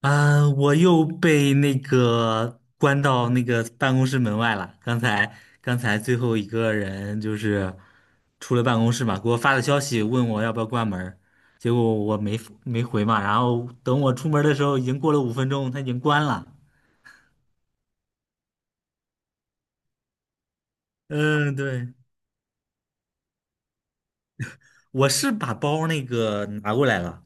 啊，我又被那个关到那个办公室门外了。刚才最后一个人就是出了办公室嘛，给我发的消息问我要不要关门儿，结果我没回嘛。然后等我出门儿的时候，已经过了5分钟，他已经关了。嗯，对，我是把包那个拿过来了，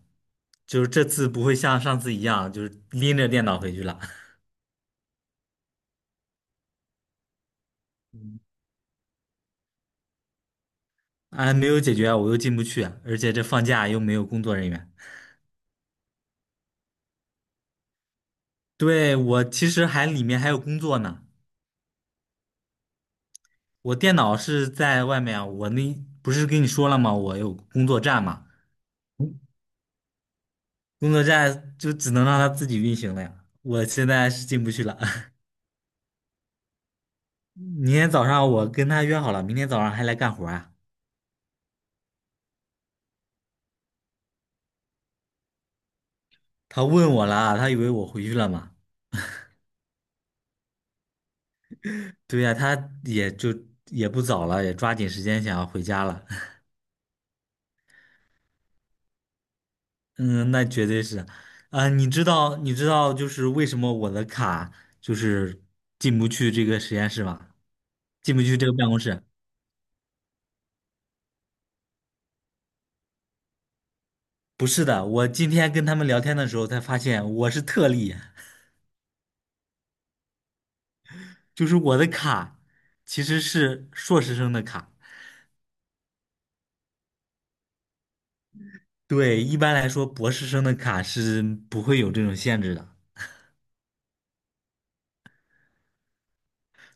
就是这次不会像上次一样，就是拎着电脑回去了。啊，没有解决啊，我又进不去啊，而且这放假又没有工作人员。对，我其实还里面还有工作呢。我电脑是在外面啊，我那不是跟你说了吗？我有工作站嘛，工作站就只能让它自己运行了呀。我现在是进不去了。明天早上我跟他约好了，明天早上还来干活啊。他问我了，他以为我回去了嘛？对呀，他也不早了，也抓紧时间想要回家了。嗯，那绝对是。啊、你知道，你知道，就是为什么我的卡就是进不去这个实验室吗？进不去这个办公室？不是的，我今天跟他们聊天的时候才发现我是特例。就是我的卡其实是硕士生的卡。对，一般来说，博士生的卡是不会有这种限制的，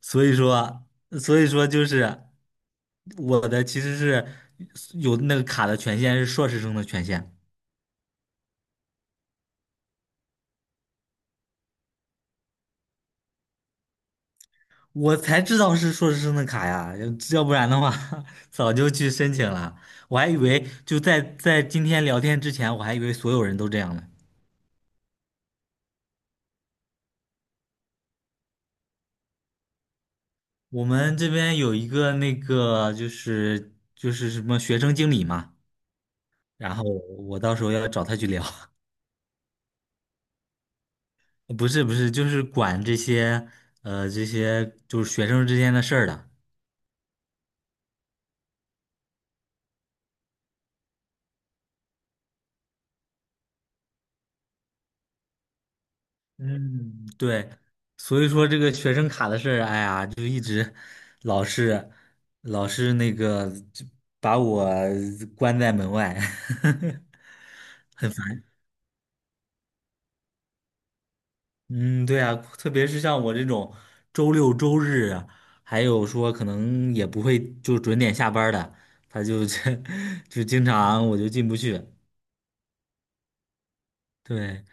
所以说，所以说就是我的其实是有那个卡的权限是硕士生的权限。我才知道是硕士生的卡呀，要不然的话 早就去申请了。我还以为就在今天聊天之前，我还以为所有人都这样呢。我们这边有一个那个就是什么学生经理嘛，然后我到时候要找他去聊。不是不是，就是管这些就是学生之间的事儿的。嗯，对，所以说这个学生卡的事儿，哎呀，就一直老是老是那个就把我关在门外，很烦。嗯，对啊，特别是像我这种周六周日啊，还有说可能也不会就准点下班儿的，他就 就经常我就进不去。对，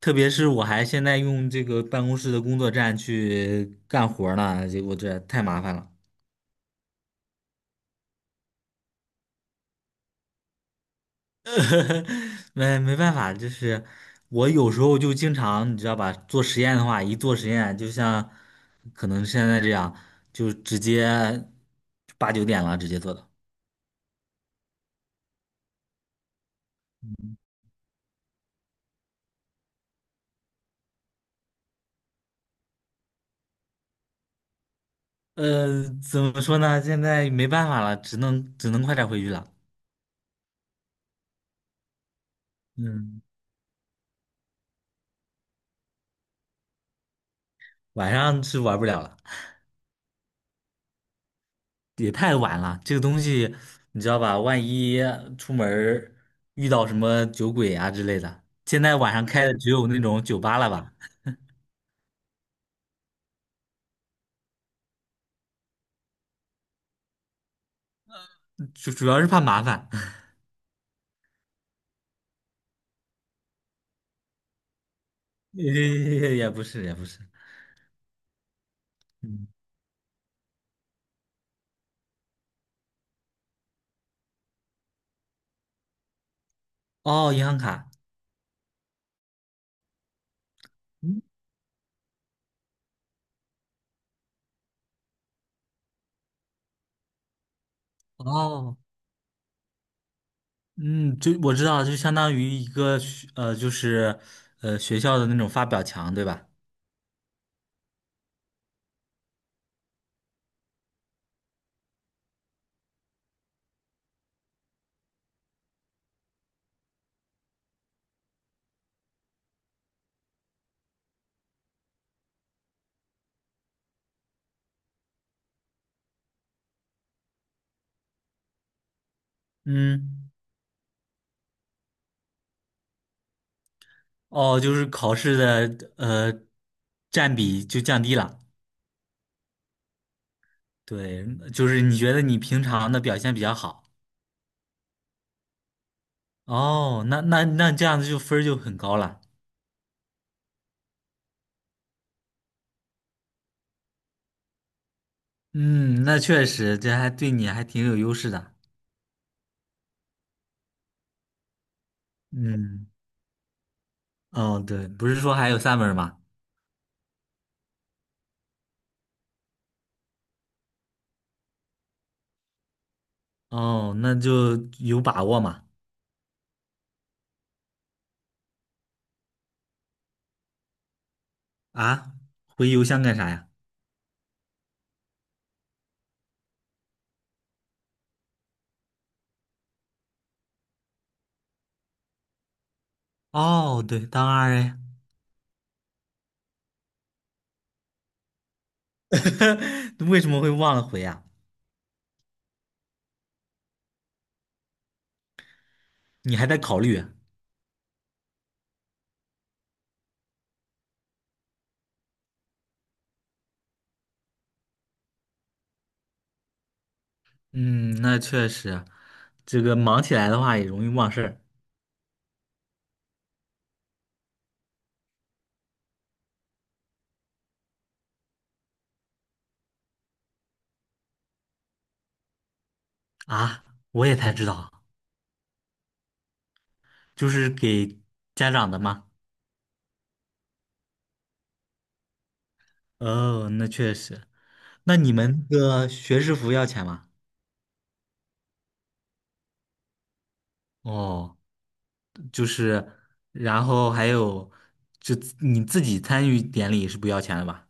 特别是我还现在用这个办公室的工作站去干活儿呢，结果这太麻烦了。没办法，就是我有时候就经常，你知道吧，做实验的话，一做实验，就像可能现在这样，就直接八九点了，直接做的。怎么说呢？现在没办法了，只能快点回去了。嗯，晚上是玩不了了，也太晚了。这个东西你知道吧？万一出门儿遇到什么酒鬼啊之类的，现在晚上开的只有那种酒吧了吧？主要是怕麻烦。也不是也不是。嗯。哦，银行卡。嗯。哦。嗯，就我知道了，就相当于一个就是学校的那种发表墙，对吧？嗯。哦，就是考试的占比就降低了。对，就是你觉得你平常的表现比较好。哦，那这样子就分儿就很高了。嗯，那确实这还对你还挺有优势的。嗯。哦，对，不是说还有3门儿吗？哦，那就有把握嘛。啊，回邮箱干啥呀？哦，对，当然呀。为什么会忘了回呀？你还在考虑啊？嗯，那确实，这个忙起来的话也容易忘事儿啊。我也才知道，就是给家长的嘛。哦，那确实。那你们那个学士服要钱吗？哦，就是，然后还有，就你自己参与典礼是不要钱的吧？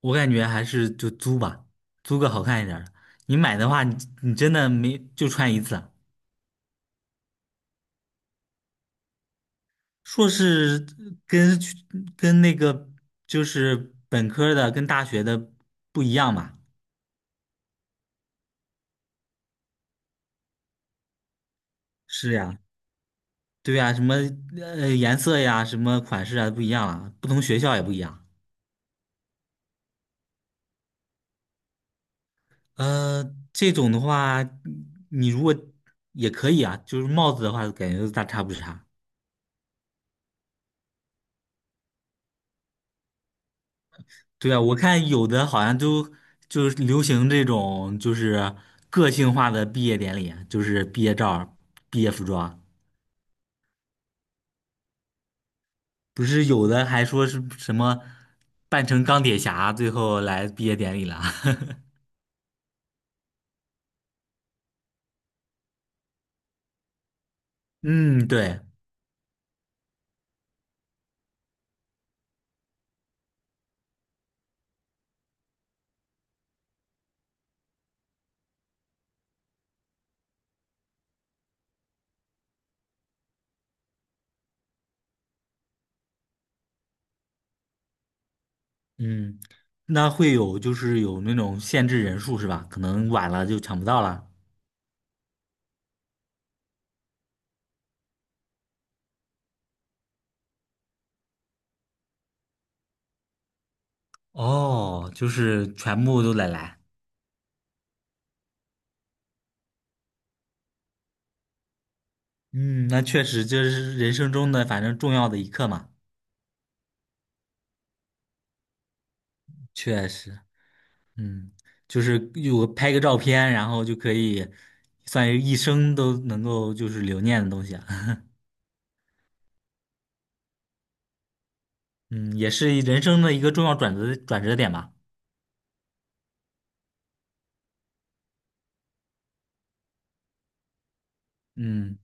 我感觉还是就租吧，租个好看一点儿的。你买的话，你真的没就穿一次啊。硕士跟跟那个就是本科的跟大学的不一样嘛？是呀，对呀，什么颜色呀，什么款式啊不一样啊，不同学校也不一样。这种的话，你如果也可以啊，就是帽子的话，感觉都大差不差。对啊，我看有的好像都就是流行这种就是个性化的毕业典礼，就是毕业照儿毕业服装。不是有的还说是什么扮成钢铁侠，最后来毕业典礼了。嗯，对。嗯，那会有就是有那种限制人数是吧？可能晚了就抢不到了。哦，就是全部都得来。嗯，那确实就是人生中的反正重要的一刻嘛。确实。嗯，就是有拍个照片，然后就可以算是一生都能够就是留念的东西啊。嗯，也是人生的一个重要转折点吧。嗯。